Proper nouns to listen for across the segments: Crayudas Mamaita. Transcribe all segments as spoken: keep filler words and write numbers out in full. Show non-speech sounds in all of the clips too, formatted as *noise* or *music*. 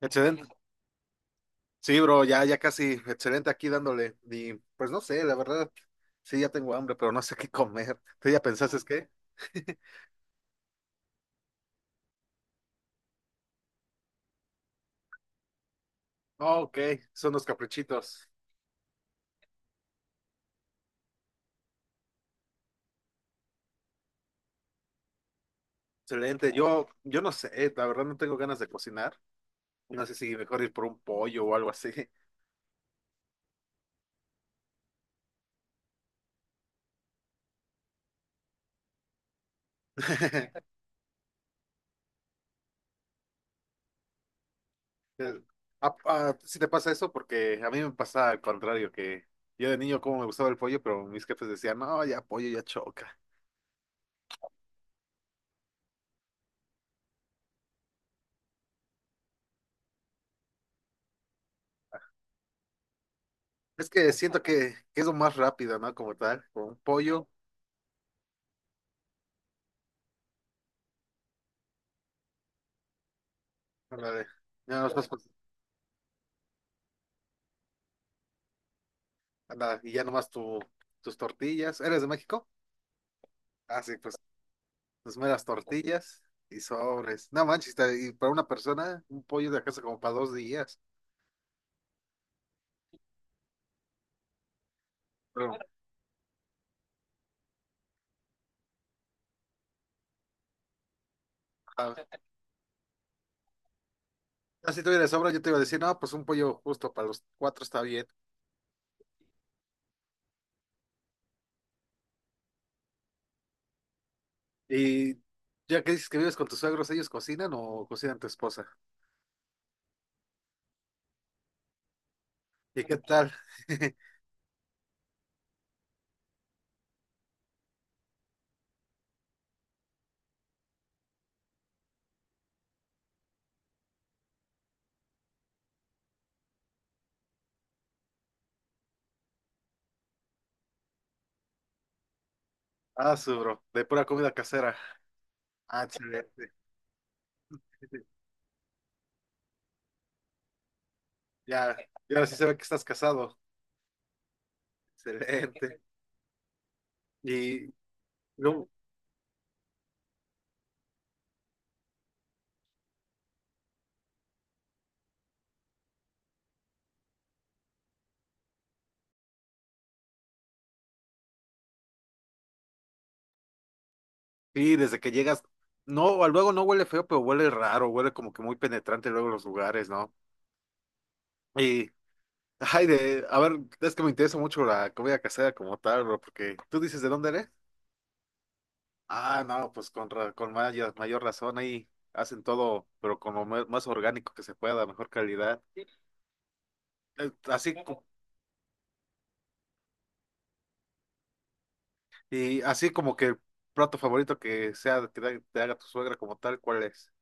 Excelente. Sí, bro, ya, ya casi, excelente aquí dándole. Y pues no sé, la verdad, sí, ya tengo hambre, pero no sé qué comer. ¿Tú ya pensaste qué? *laughs* Oh, ok, son los caprichitos. Excelente. Yo, yo no sé, la verdad no tengo ganas de cocinar. No sé si mejor ir por un pollo o algo así. *laughs* Eh, ah, ah, sí te pasa eso porque a mí me pasa al contrario, que yo de niño como me gustaba el pollo, pero mis jefes decían, no, ya pollo ya choca. Es que siento que, que es lo más rápido, ¿no? Como tal, con un pollo. Ándale. Ya no estás pas- ándale, y ya nomás tu, tus tortillas. ¿Eres de México? Ah, sí, pues tus meras tortillas y sobres. No manches, te- y para una persona, un pollo de casa como para dos días. Pero, ah, ah, si tuviera sobra, yo te iba a decir, no, pues un pollo justo para los cuatro está bien. Y ya que dices que vives con tus suegros, ¿ellos cocinan o cocinan tu esposa? ¿Y qué tal? *laughs* Ah, su bro, de pura comida casera. Ah, excelente. *laughs* Ya, ya sí se ve que estás casado. Excelente. Y no. Sí, desde que llegas, no, luego no huele feo, pero huele raro, huele como que muy penetrante luego los lugares, ¿no? Y, ay, de, a ver, es que me interesa mucho la comida casera como tal, bro, porque tú dices, ¿de dónde eres? Ah, no, pues con, ra- con mayor, mayor razón ahí hacen todo, pero con lo más, más orgánico que se pueda, mejor calidad. Sí. Eh, Así, co- y así como que el plato favorito que sea, que te te haga tu suegra como tal, ¿cuál es?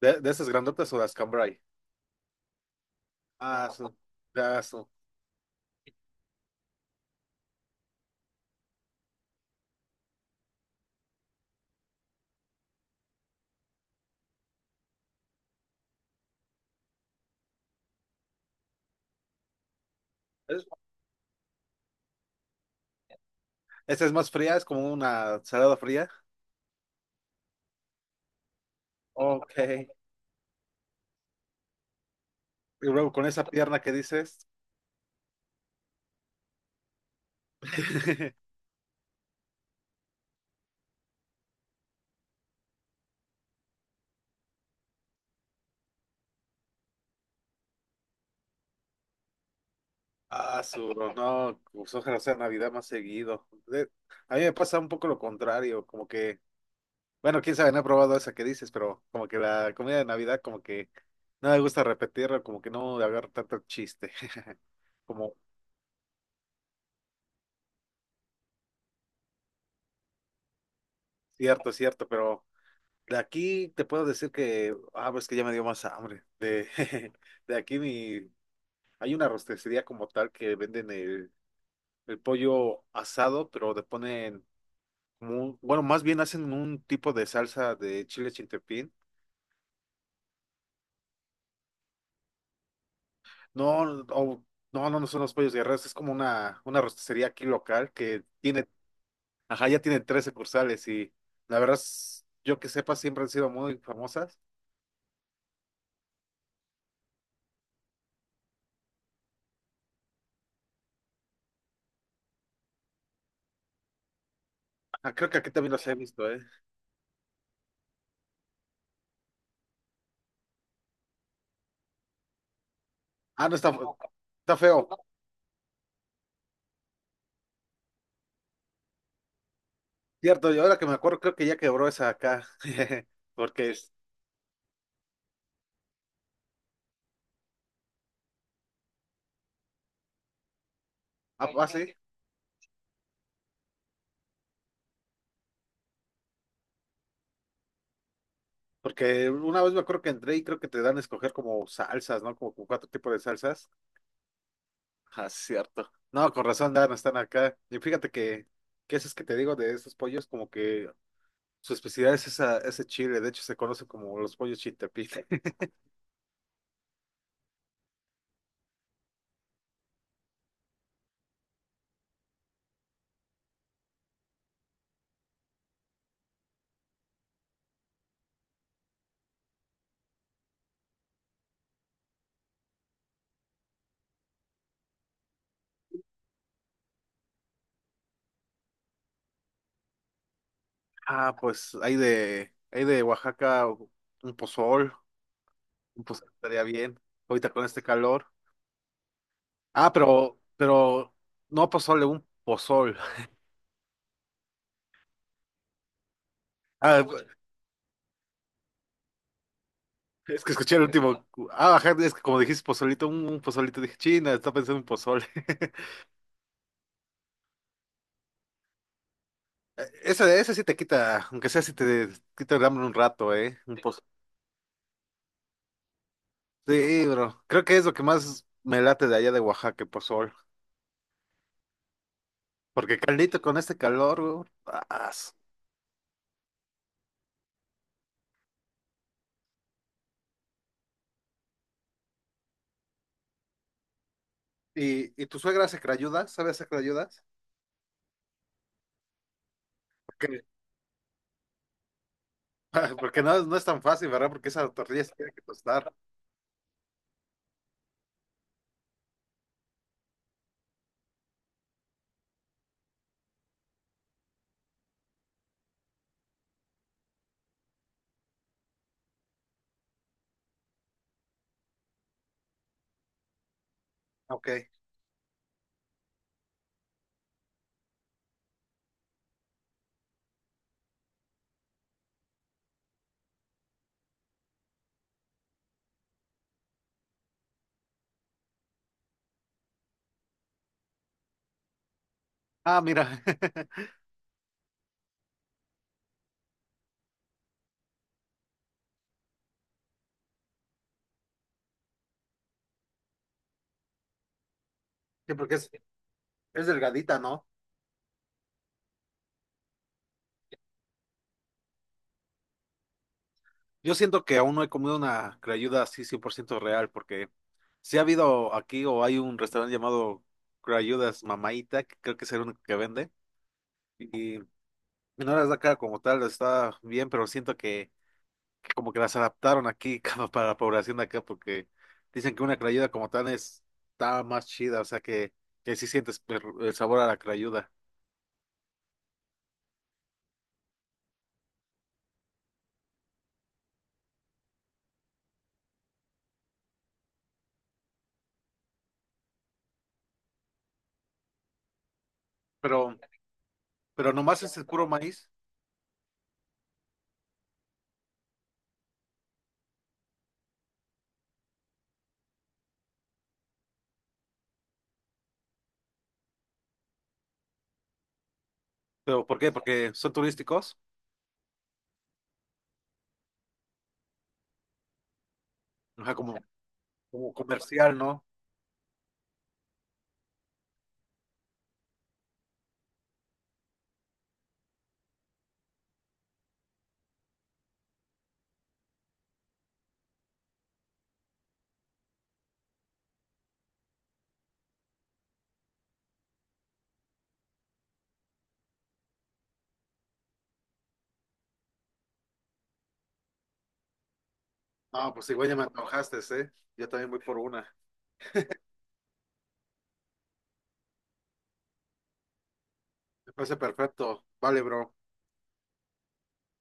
¿De, de esas grandotas o las cambray. Ah, su, ya, su. Esta es más fría, es como una salada fría. Ok. Y luego con esa pierna que dices. *laughs* Ah, su, no, pues ojalá sea Navidad más seguido. De- a mí me pasa un poco lo contrario, como que, bueno, quién sabe, no he probado esa que dices, pero como que la comida de Navidad, como que no me gusta repetirla, como que no le agarro tanto chiste. *laughs* Como, cierto, cierto, pero de aquí te puedo decir que, ah, pues que ya me dio más hambre. De, *laughs* de aquí mi, hay una rosticería como tal que venden el, el pollo asado, pero le ponen, como un- bueno, más bien hacen un tipo de salsa de chile chintepín. No, o- no, no, no son los pollos guerreros, es como una, una rosticería aquí local que tiene, ajá, ya tiene tres sucursales y la verdad, es- yo que sepa, siempre han sido muy famosas. Ah, creo que aquí también los he visto, ¿eh? Ah, no, está, está feo. Cierto, y ahora que me acuerdo, creo que ya quebró esa acá. *laughs* Porque es, ah, ah, sí. Porque una vez me acuerdo que entré y creo que te dan a escoger como salsas, ¿no? Como, como cuatro tipos de salsas. Ah, cierto. No, con razón, Dan, están acá. Y fíjate que, que esos que te digo de esos pollos, como que su especialidad es esa, ese chile. De hecho, se conoce como los pollos chiltepín. *laughs* Ah, pues hay de, hay de Oaxaca un pozol, un pozol, estaría bien. Ahorita con este calor. Ah, pero, pero no pozole, un pozol. *laughs* Ah, es que escuché el último. Ah, ajá, es que como dijiste pozolito, un, un pozolito, dije, China, está pensando en pozole. *laughs* Ese, ese sí te quita, aunque sea si te quita el hambre un rato, ¿eh? Un poz- Sí, bro. Creo que es lo que más me late de allá de Oaxaca, el pozol. Porque caldito con este calor, bro. As. ¿Y, y tu suegra hace crayudas. ¿Sabe hacer crayudas? Porque, *laughs* porque no, no es tan fácil, ¿verdad? Porque esa tortilla se tiene que tostar. Ok. Ah, mira. *laughs* Sí, porque es, es delgadita, ¿no? Yo siento que aún no he comido una crayuda así cien por ciento real, porque si ha habido aquí o hay un restaurante llamado Crayudas Mamaita, que creo que es el único que vende, y no las da cara como tal, está bien, pero siento que, que como que las adaptaron aquí *laughs* como para la población de acá, porque dicen que una crayuda como tal es, está más chida, o sea que, que sí sientes per- el sabor a la crayuda. Pero, pero nomás es el puro maíz. ¿Pero por qué? Porque son turísticos, ajá, como, como comercial, ¿no? No, pues igual ya me antojaste, ¿eh? Yo también voy por una. Me parece perfecto. Vale, bro.